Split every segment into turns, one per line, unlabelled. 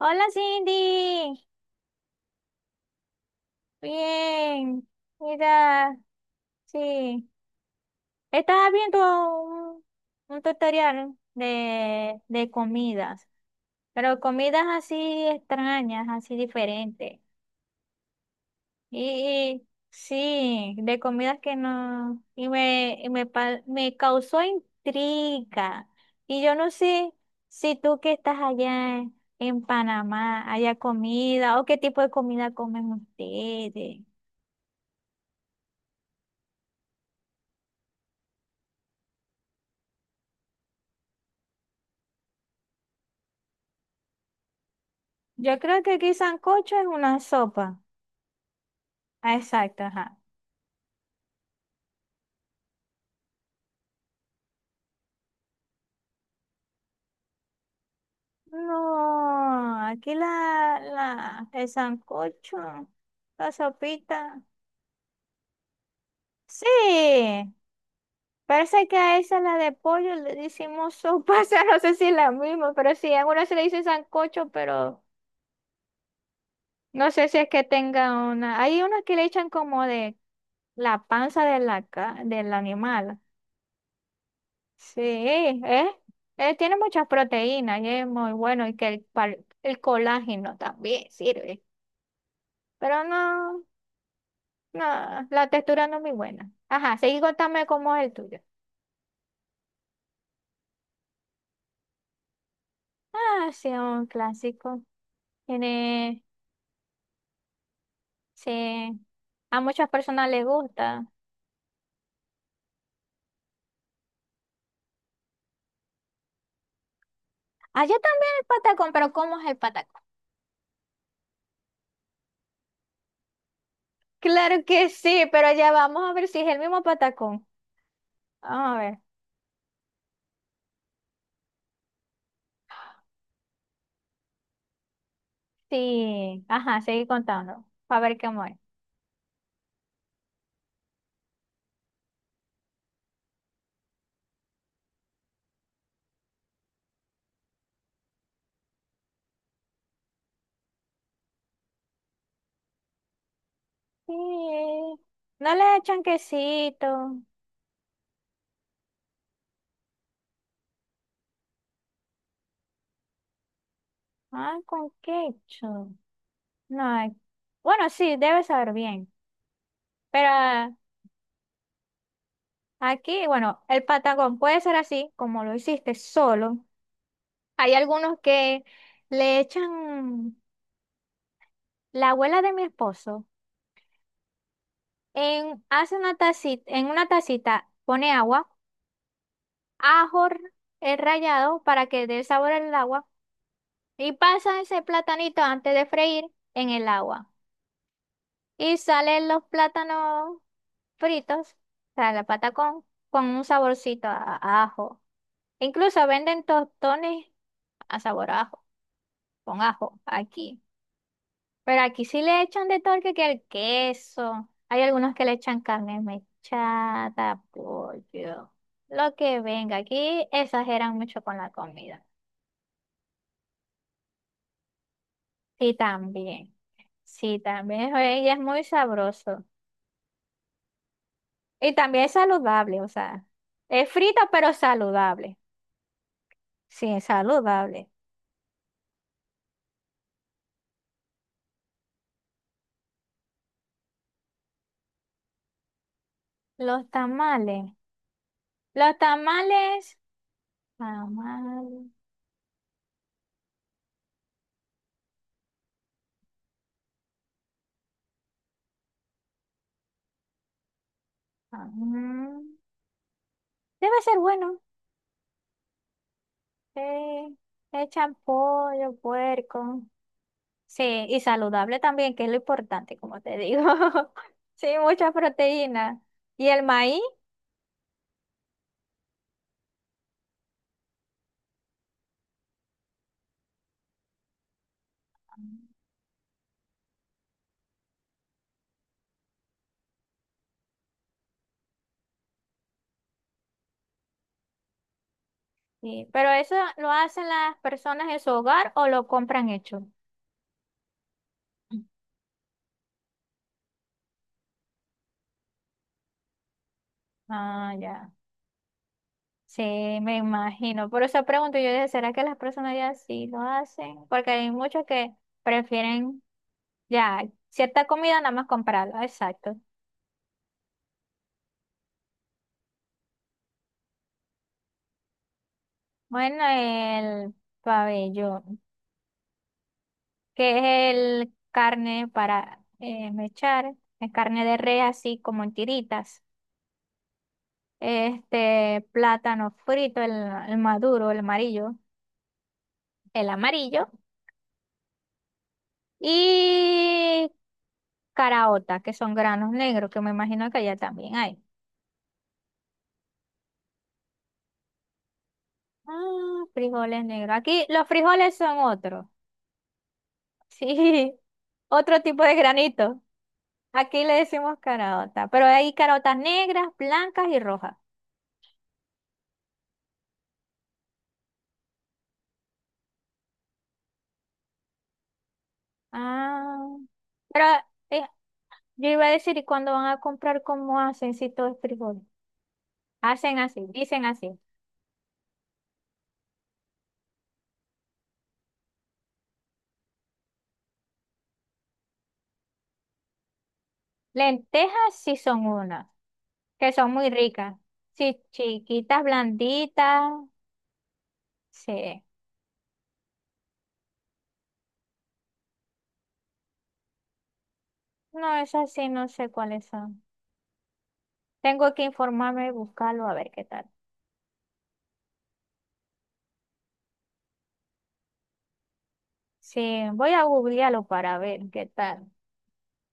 Hola Cindy, bien, mira, sí, estaba viendo un, un tutorial de comidas, pero comidas así extrañas, así diferentes, y sí, de comidas que no, me causó intriga, y yo no sé si tú que estás en Panamá haya comida, o qué tipo de comida comen ustedes. Yo creo que aquí sancocho es una sopa. Ah, exacto, ajá. No, aquí el sancocho, la sopita. Sí, parece que a esa la de pollo le decimos sopa, o sea, no sé si es la misma, pero sí, a una se le dice sancocho, pero no sé si es que tenga una. Hay unas que le echan como de la panza de la, ca- del animal. Sí, es, tiene muchas proteínas y es muy bueno y que el colágeno también sirve. Pero no, no, la textura no es muy buena. Ajá, seguí contame cómo es el tuyo. Ah, sí, un clásico. Tiene, sí, a muchas personas les gusta. Allá también el patacón, pero ¿cómo es el patacón? Claro que sí, pero ya vamos a ver si es el mismo patacón. Vamos a ver. Sí, ajá, seguí contando, para ver cómo es. Sí, no le echan quesito. Ah, con ketchup. No, hay- bueno, sí, debe saber bien. Pero ah, aquí, bueno, el patacón puede ser así, como lo hiciste solo. Hay algunos que le echan, la abuela de mi esposo, en, hace una tacita, en una tacita pone agua, ajo el rallado para que dé sabor al agua y pasa ese platanito antes de freír en el agua. Y salen los plátanos fritos, o sea, la patacón, con un saborcito a ajo. Incluso venden tostones a sabor a ajo, con ajo, aquí. Pero aquí sí le echan de todo que el queso. Hay algunos que le echan carne mechada, pollo, lo que venga. Aquí exageran mucho con la comida. Sí, también. Sí, también. Oye, y es muy sabroso. Y también es saludable, o sea, es frito pero saludable. Sí, saludable. Los tamales. Los tamales. Tamales. Tamales. Debe ser bueno. Sí. Le echan pollo, puerco. Sí, y saludable también, que es lo importante, como te digo. Sí, mucha proteína. ¿Y el maíz? Sí, pero eso lo hacen las personas en su hogar o lo compran hecho. Ah, ya. Sí, me imagino. Por eso pregunto yo, dije, ¿será que las personas ya sí lo hacen? Porque hay muchos que prefieren ya cierta comida nada más comprarla. Exacto. Bueno, el pabellón, que es el carne para mechar, es carne de res así como en tiritas. Este plátano frito, el maduro, el amarillo y caraota, que son granos negros, que me imagino que allá también hay. Ah, frijoles negros. Aquí los frijoles son otro. Sí, otro tipo de granito. Aquí le decimos carota, pero hay carotas negras, blancas y rojas. Ah, pero eh, yo iba a decir, ¿y cuando van a comprar cómo hacen si todo es frijoles? Hacen así, dicen así. Lentejas sí son unas que son muy ricas. Sí, chiquitas, blanditas. Sí. No, esas sí no sé cuáles son. Tengo que informarme y buscarlo a ver qué tal. Sí, voy a googlearlo para ver qué tal.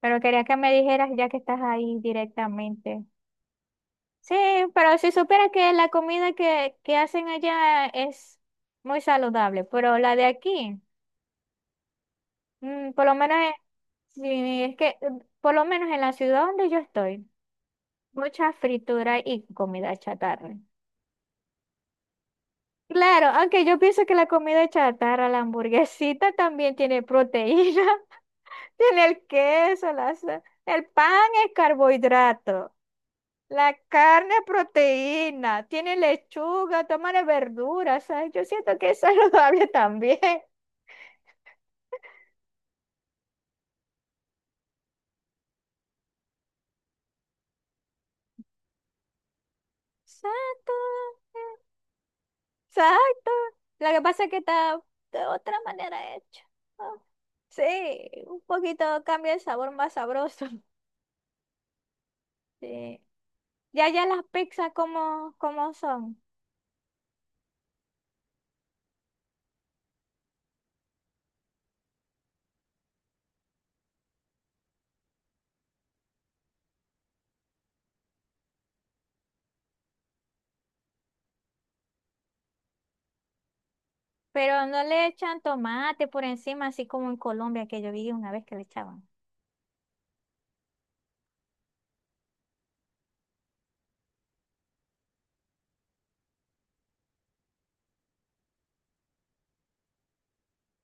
Pero quería que me dijeras ya que estás ahí directamente. Sí, pero si supieras que que hacen allá es muy saludable, pero la de aquí, por lo menos es, sí, es que por lo menos en la ciudad donde yo estoy, mucha fritura y comida chatarra. Claro, aunque yo pienso que la comida chatarra, la hamburguesita también tiene proteína, tiene el queso, el pan es carbohidrato, la carne es proteína, tiene lechuga, tomate, verduras, ¿sabes? Yo siento que es saludable también. Exacto, exacto. Lo que pasa es que está de otra manera hecho. ¿No? Sí, un poquito cambia el sabor más sabroso. Sí. Ya, ya las pizzas como, como son, pero no le echan tomate por encima, así como en Colombia, que yo vi una vez que le echaban.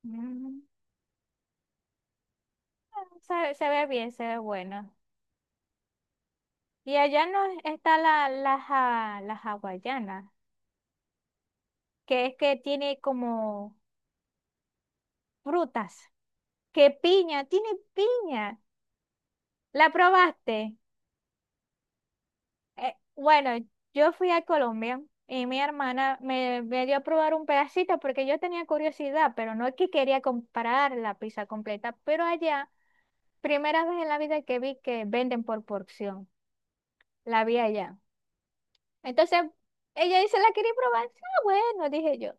Mm, se ve bien, se ve bueno. Y allá no está la hawaiana, que es que tiene como frutas, que piña, tiene piña. ¿La probaste? Bueno, yo fui a Colombia y mi hermana me dio a probar un pedacito porque yo tenía curiosidad, pero no es que quería comprar la pizza completa, pero allá, primera vez en la vida que vi que venden por porción, la vi allá. Entonces, ella dice, ¿la quería probar? Sí, ah, bueno, dije yo.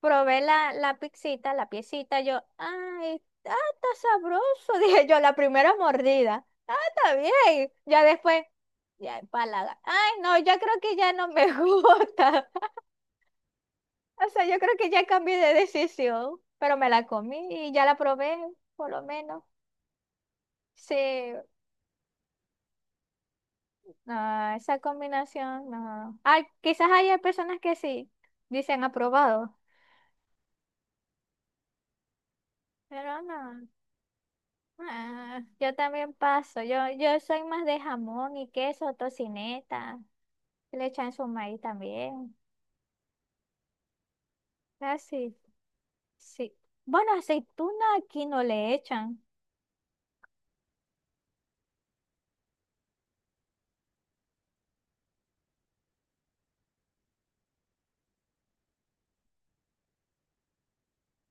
Probé la pizzita, la piecita, yo, ay, ah, está sabroso, dije yo, la primera mordida. Ah, está bien. Ya después, ya empalaga. Ay, no, yo creo que ya no me gusta. O sea, yo creo que ya cambié de decisión, pero me la comí y ya la probé, por lo menos. Sí, no, esa combinación, no. Ah, quizás haya personas que sí, dicen aprobado, pero no. Ah, yo también paso. Yo soy más de jamón y queso, tocineta. Le echan su maíz también. Así, sí. Sí. Bueno, aceituna aquí no le echan.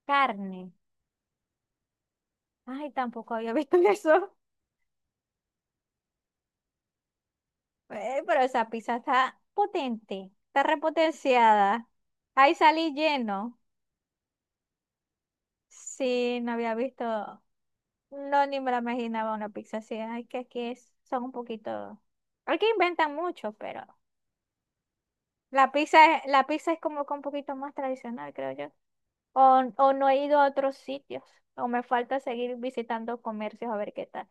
Carne. Ay, tampoco había visto eso. Pero esa pizza está potente. Está repotenciada. Ahí salí lleno. Sí, no había visto. No, ni me la imaginaba una pizza así. Ay, que aquí es, son un poquito. Aquí inventan mucho, pero. La pizza es como que un poquito más tradicional, creo yo. O no he ido a otros sitios. O me falta seguir visitando comercios a ver qué tal.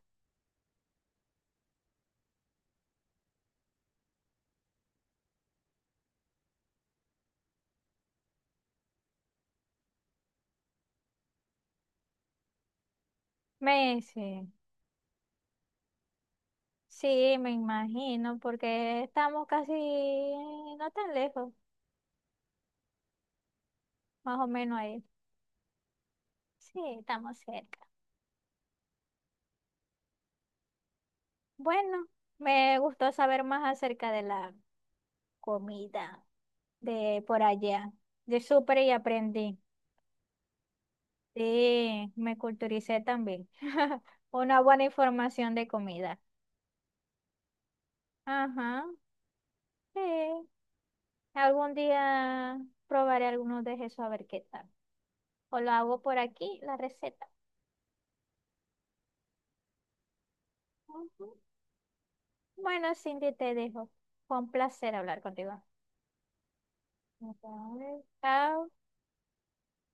Messi sí, me imagino, porque estamos casi no tan lejos, más o menos ahí. Sí, estamos cerca. Bueno, me gustó saber más acerca de la comida de por allá. De súper y aprendí. Sí, me culturicé también. Una buena información de comida. Ajá, sí. Algún día probaré algunos de esos a ver qué tal. O lo hago por aquí, la receta. Ujú. Bueno, Cindy, te dejo. Fue un placer hablar contigo. Ok, chao.